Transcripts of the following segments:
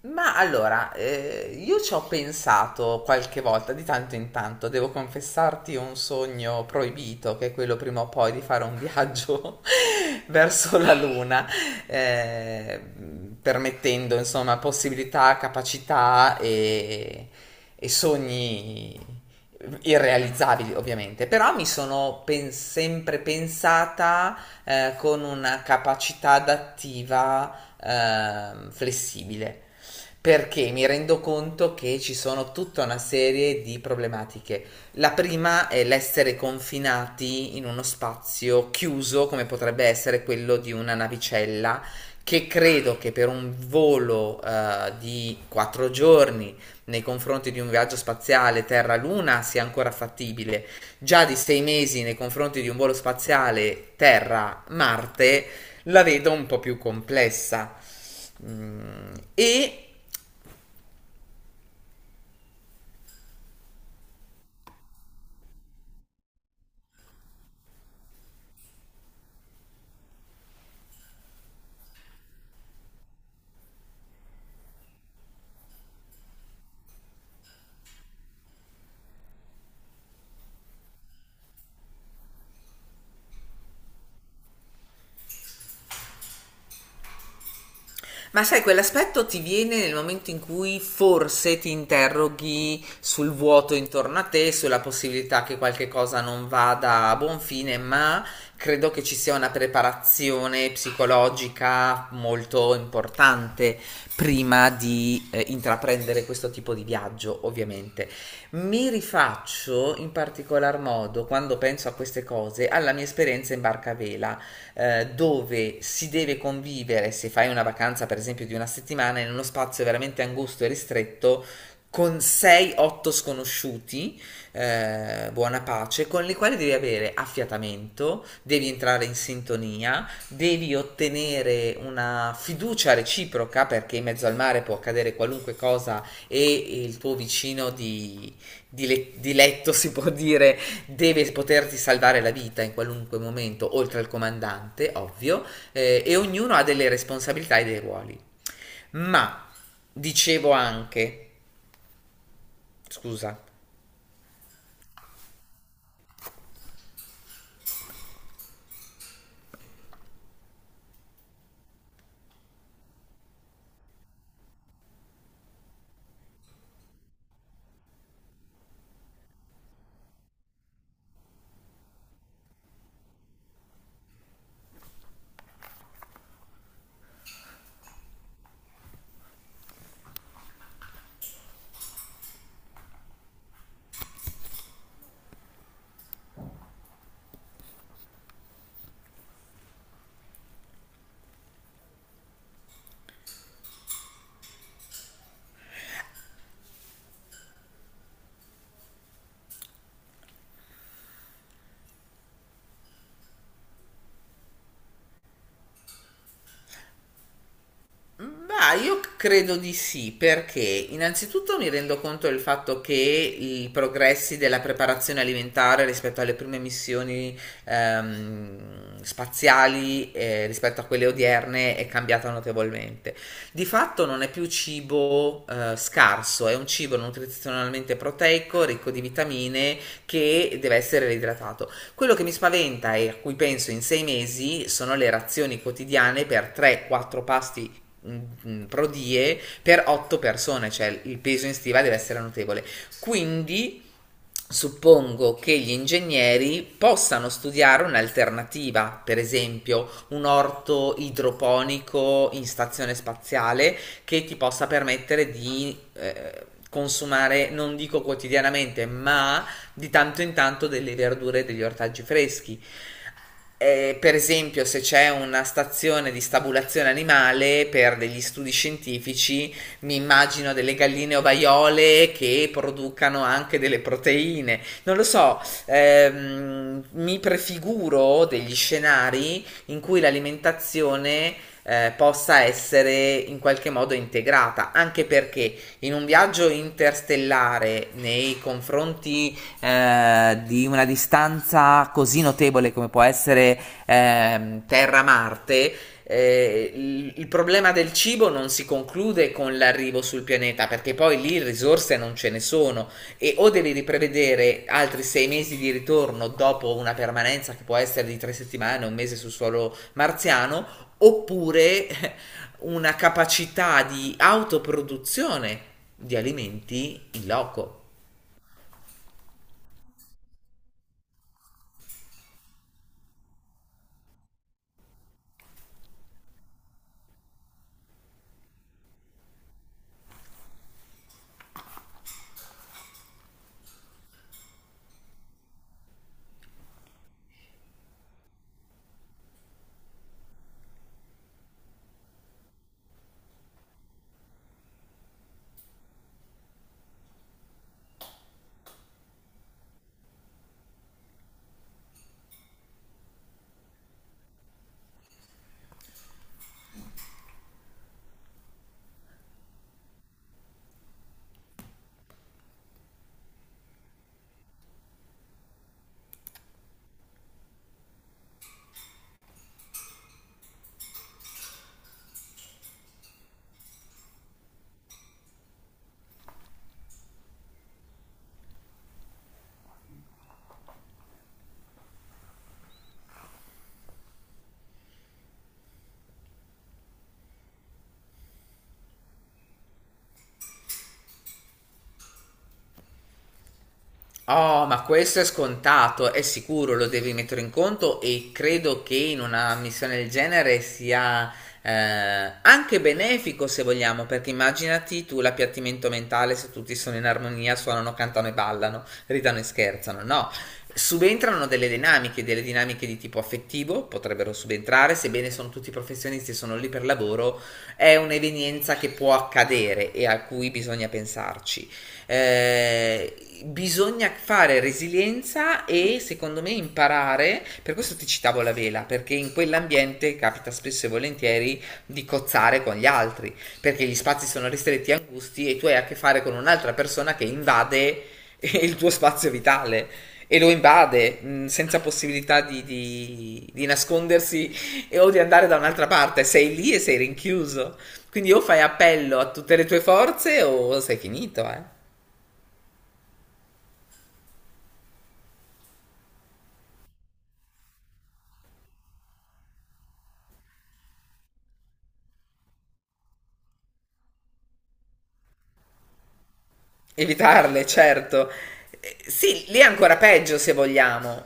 Ma allora, io ci ho pensato qualche volta, di tanto in tanto, devo confessarti un sogno proibito, che è quello prima o poi di fare un viaggio verso la Luna, eh, permettendo insomma possibilità, capacità e sogni irrealizzabili ovviamente, però mi sono sempre pensata con una capacità adattiva flessibile perché mi rendo conto che ci sono tutta una serie di problematiche. La prima è l'essere confinati in uno spazio chiuso, come potrebbe essere quello di una navicella, che credo che per un volo di 4 giorni nei confronti di un viaggio spaziale Terra-Luna sia ancora fattibile, già di 6 mesi nei confronti di un volo spaziale Terra-Marte la vedo un po' più complessa. Mm, e Ma sai, quell'aspetto ti viene nel momento in cui forse ti interroghi sul vuoto intorno a te, sulla possibilità che qualche cosa non vada a buon fine, ma credo che ci sia una preparazione psicologica molto importante prima di intraprendere questo tipo di viaggio, ovviamente. Mi rifaccio in particolar modo, quando penso a queste cose, alla mia esperienza in barca a vela dove si deve convivere, se fai una vacanza per esempio di una settimana, in uno spazio veramente angusto e ristretto, con 6-8 sconosciuti, buona pace, con i quali devi avere affiatamento, devi entrare in sintonia, devi ottenere una fiducia reciproca perché in mezzo al mare può accadere qualunque cosa e il tuo vicino di letto si può dire deve poterti salvare la vita in qualunque momento, oltre al comandante, ovvio, e ognuno ha delle responsabilità e dei ruoli. Ma dicevo anche, scusa. Ma io credo di sì, perché innanzitutto mi rendo conto del fatto che i progressi della preparazione alimentare rispetto alle prime missioni spaziali, rispetto a quelle odierne, è cambiata notevolmente. Di fatto non è più cibo scarso, è un cibo nutrizionalmente proteico, ricco di vitamine, che deve essere reidratato. Quello che mi spaventa e a cui penso in 6 mesi sono le razioni quotidiane per 3-4 pasti mm, prodie per 8 persone, cioè il peso in stiva deve essere notevole. Quindi suppongo che gli ingegneri possano studiare un'alternativa, per esempio un orto idroponico in stazione spaziale che ti possa permettere di consumare, non dico quotidianamente, ma di tanto in tanto delle verdure e degli ortaggi freschi. Per esempio, se c'è una stazione di stabulazione animale per degli studi scientifici, mi immagino delle galline ovaiole che producano anche delle proteine. Non lo so, mi prefiguro degli scenari in cui l'alimentazione possa essere in qualche modo integrata, anche perché in un viaggio interstellare nei confronti di una distanza così notevole come può essere Terra-Marte, il problema del cibo non si conclude con l'arrivo sul pianeta perché poi lì risorse non ce ne sono e o devi riprevedere altri 6 mesi di ritorno dopo una permanenza che può essere di 3 settimane, un mese sul suolo marziano, oppure una capacità di autoproduzione di alimenti in loco. Oh, ma questo è scontato, è sicuro, lo devi mettere in conto e credo che in una missione del genere sia anche benefico se vogliamo, perché immaginati tu l'appiattimento mentale se tutti sono in armonia, suonano, cantano e ballano, ridano e scherzano, no? Subentrano delle dinamiche di tipo affettivo, potrebbero subentrare, sebbene sono tutti professionisti e sono lì per lavoro, è un'evenienza che può accadere e a cui bisogna pensarci. Eh, Bisogna fare resilienza e secondo me imparare, per questo ti citavo la vela, perché in quell'ambiente capita spesso e volentieri di cozzare con gli altri, perché gli spazi sono ristretti e angusti e tu hai a che fare con un'altra persona che invade il tuo spazio vitale e lo invade senza possibilità di nascondersi o di andare da un'altra parte, sei lì e sei rinchiuso. Quindi o fai appello a tutte le tue forze o sei finito, eh. Evitarle, certo. Sì, lì è ancora peggio se vogliamo.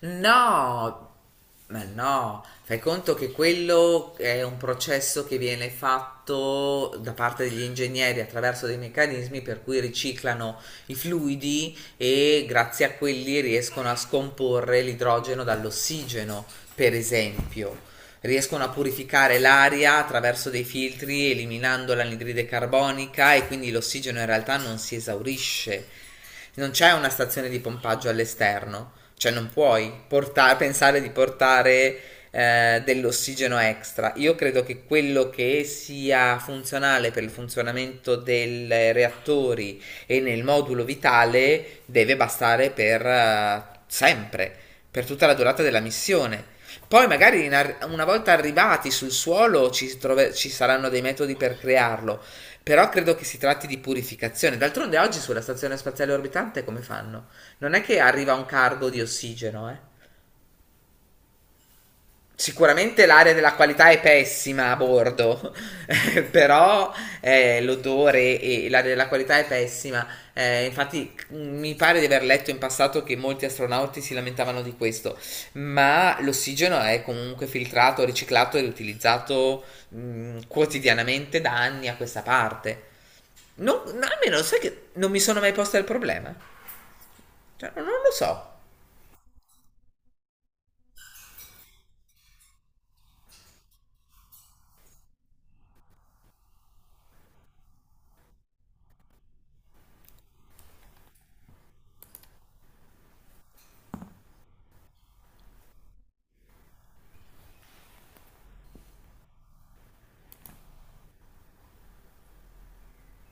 No, ma no, fai conto che quello è un processo che viene fatto da parte degli ingegneri attraverso dei meccanismi per cui riciclano i fluidi e grazie a quelli riescono a scomporre l'idrogeno dall'ossigeno, per esempio. Riescono a purificare l'aria attraverso dei filtri eliminando l'anidride carbonica e quindi l'ossigeno in realtà non si esaurisce. Non c'è una stazione di pompaggio all'esterno, cioè non puoi portare, pensare di portare dell'ossigeno extra. Io credo che quello che sia funzionale per il funzionamento dei reattori e nel modulo vitale deve bastare per sempre, per tutta la durata della missione. Poi magari una volta arrivati sul suolo ci saranno dei metodi per crearlo, però credo che si tratti di purificazione. D'altronde oggi sulla stazione spaziale orbitante come fanno? Non è che arriva un cargo di ossigeno, eh? Sicuramente l'area della qualità è pessima a bordo, però l'odore e l'area della qualità è pessima. Infatti, mi pare di aver letto in passato che molti astronauti si lamentavano di questo, ma l'ossigeno è comunque filtrato, riciclato e riutilizzato quotidianamente da anni a questa parte. Non, almeno sai che non mi sono mai posta il problema. Cioè, non lo so.